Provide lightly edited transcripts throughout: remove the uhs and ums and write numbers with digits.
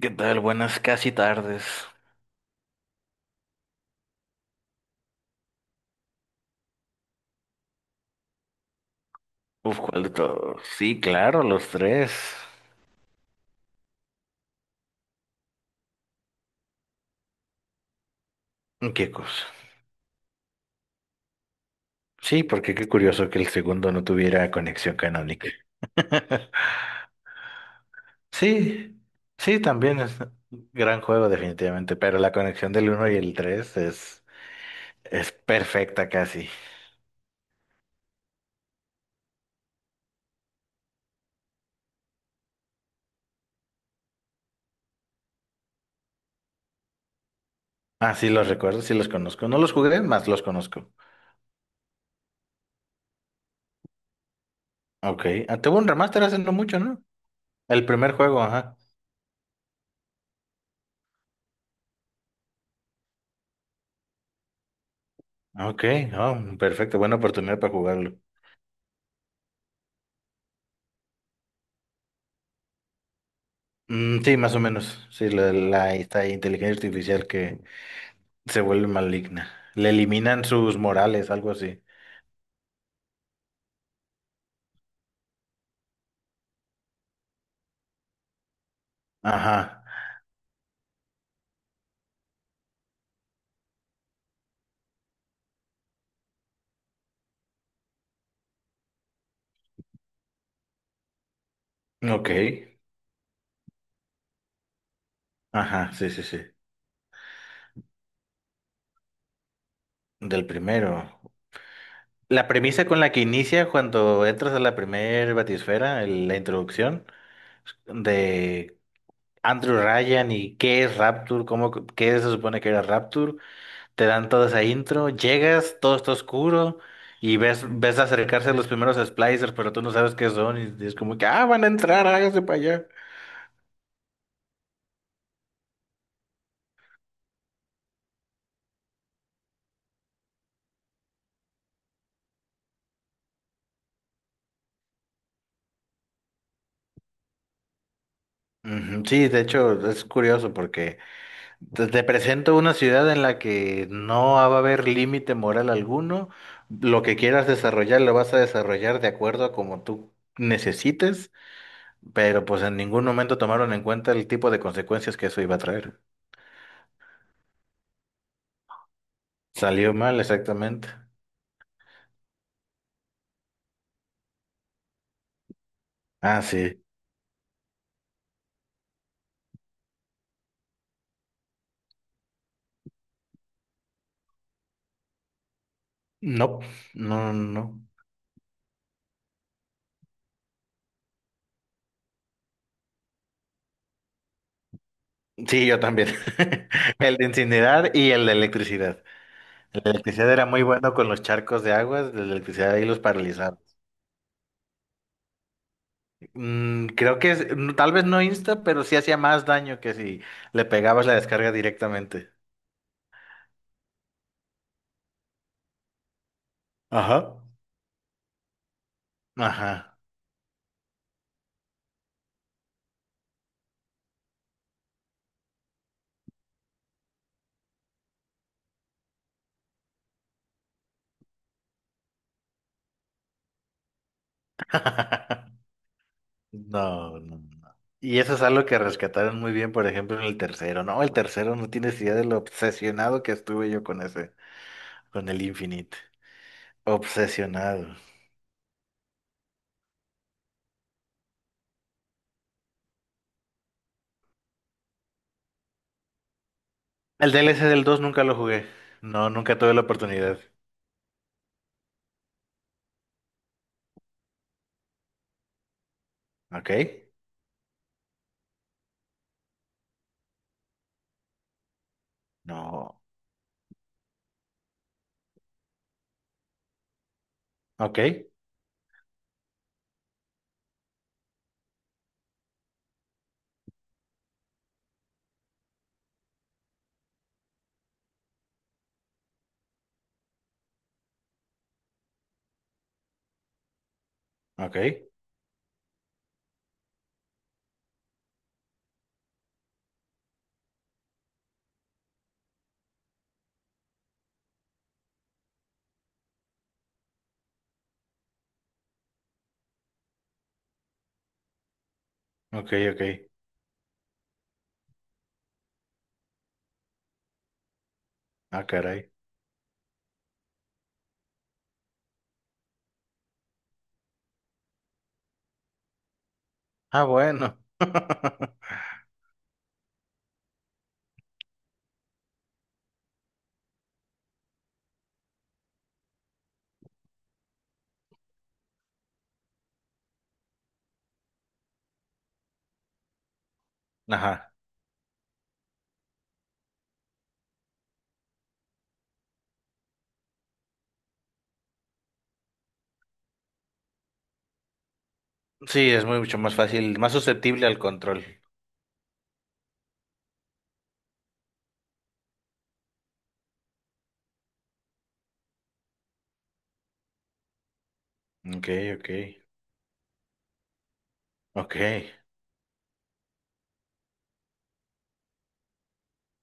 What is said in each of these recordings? ¿Qué tal? Buenas casi tardes. Uf, ¿cuál de todos? Sí, claro, los tres. ¿Qué cosa? Sí, porque qué curioso que el segundo no tuviera conexión canónica. Sí, sí, también es un gran juego definitivamente, pero la conexión del uno y el 3 es perfecta casi. Ah, sí, los recuerdo, sí los conozco. No los jugué, más los conozco. Ok, ah, tuvo un remaster hace no mucho, ¿no? El primer juego, ajá. Ok, oh, perfecto, buena oportunidad para jugarlo. Mm, sí, más o menos. Sí, esta inteligencia artificial que se vuelve maligna. Le eliminan sus morales, algo así. Ajá. Ok. Ajá, sí, sí, sí. Del primero. La premisa con la que inicia cuando entras a la primer batisfera, la introducción de Andrew Ryan y qué es Rapture, cómo, qué se supone que era Rapture. Te dan toda esa intro, llegas, todo está oscuro y ves, ves acercarse los primeros splicers, pero tú no sabes qué son y es como que, ah, van a entrar, hágase para allá. Ujú. Sí, de hecho es curioso porque te presento una ciudad en la que no va a haber límite moral alguno, lo que quieras desarrollar lo vas a desarrollar de acuerdo a como tú necesites, pero pues en ningún momento tomaron en cuenta el tipo de consecuencias que eso iba a traer. Salió mal, exactamente. Ah, sí. No, no, no. no. Sí, yo también. El de incinerar y el de electricidad. El de electricidad era muy bueno con los charcos de aguas, de electricidad y los paralizados. Mm, creo que tal vez no insta, pero sí hacía más daño que si le pegabas la descarga directamente. Ajá. Ajá. No, no, no. Y eso es algo que rescataron muy bien, por ejemplo, en el tercero. No, el tercero no tienes idea de lo obsesionado que estuve yo con ese, con el Infinite. Obsesionado. El DLC del 2 nunca lo jugué. No, nunca tuve la oportunidad. Ok. No. Ok. Ok. Ok, ok. Ah, caray. Ah, bueno. Ajá. Sí, es mucho más fácil, más susceptible al control. Ok, ok. Ok.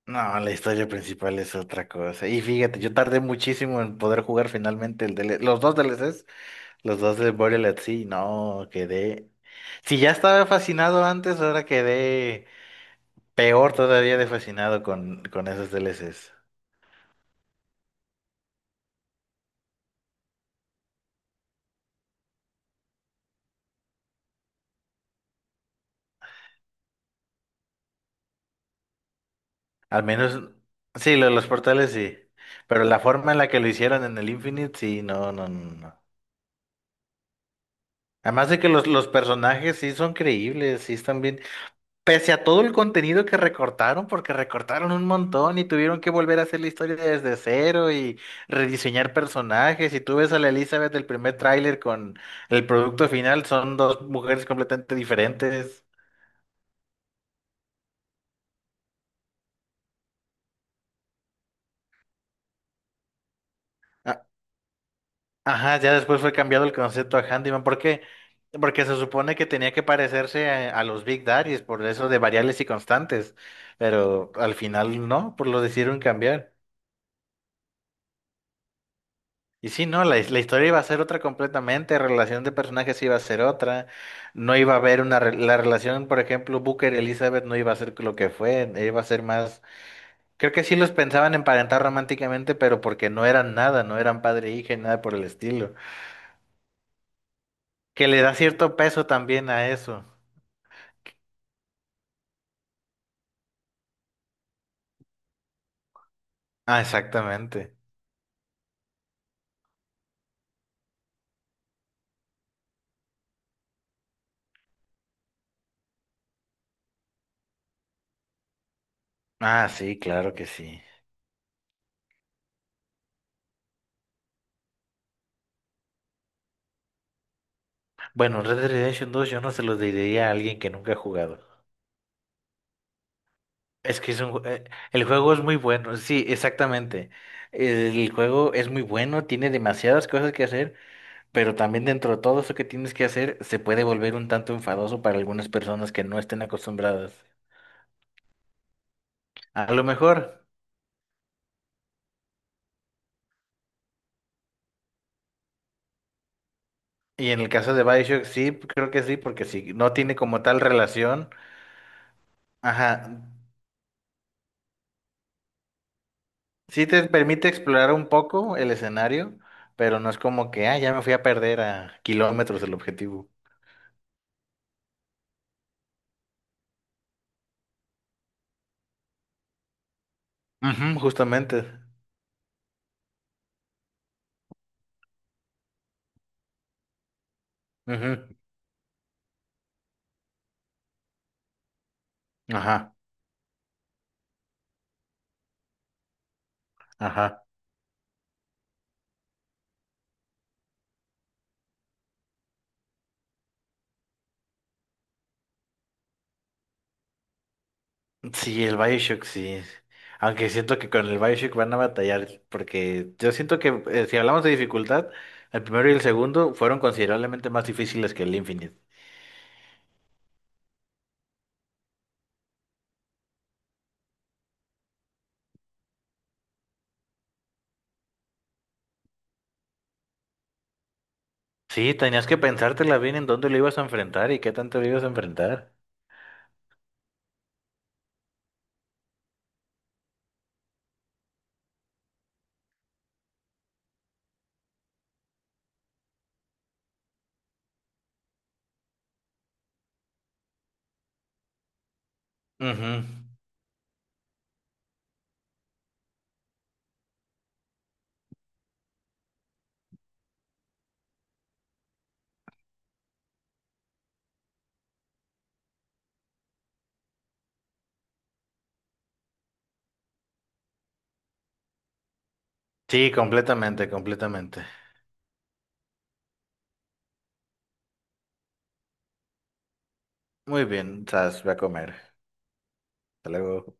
No, la historia principal es otra cosa. Y fíjate, yo tardé muchísimo en poder jugar finalmente el DLC, los dos DLCs, los dos de Burial at Sea. No, quedé. Si ya estaba fascinado antes, ahora quedé. Peor todavía de fascinado con esos DLCs. Al menos, sí, lo de los portales sí. Pero la forma en la que lo hicieron en el Infinite, sí, no, no, no. no. Además de que los personajes sí son creíbles, sí están bien. Pese a todo el contenido que recortaron, porque recortaron un montón y tuvieron que volver a hacer la historia desde cero y rediseñar personajes. Y tú ves a la Elizabeth del primer tráiler con el producto final, son dos mujeres completamente diferentes. Ajá, ya después fue cambiado el concepto a handyman. ¿Por qué? Porque se supone que tenía que parecerse a los Big Daddies, por eso de variables y constantes. Pero al final no, por lo decidieron cambiar. Y sí, no, la historia iba a ser otra completamente, relación de personajes iba a ser otra. No iba a haber una. La relación, por ejemplo, Booker y Elizabeth no iba a ser lo que fue, iba a ser más. Creo que sí los pensaban emparentar románticamente, pero porque no eran nada, no eran padre e hija, y nada por el estilo. Que le da cierto peso también a eso. Ah, exactamente. Ah, sí, claro que sí. Bueno, Red Dead Redemption dos, yo no se lo diría a alguien que nunca ha jugado. Es que es un, el juego es muy bueno, sí, exactamente. El juego es muy bueno, tiene demasiadas cosas que hacer, pero también dentro de todo eso que tienes que hacer se puede volver un tanto enfadoso para algunas personas que no estén acostumbradas. A lo mejor, y en el caso de BioShock sí, creo que sí, porque si no tiene como tal relación, ajá, sí te permite explorar un poco el escenario, pero no es como que, ah, ya me fui a perder a kilómetros del objetivo. Ujú, justamente. Ujú. Ajá, ajá. Sí, el Bioshock, sí. Aunque siento que con el Bioshock van a batallar, porque yo siento que si hablamos de dificultad, el primero y el segundo fueron considerablemente más difíciles que el Infinite. Sí, tenías que pensártela bien en dónde lo ibas a enfrentar y qué tanto lo ibas a enfrentar. Ujú. Sí, completamente, completamente. Muy bien, Sas, voy a comer. Hasta luego.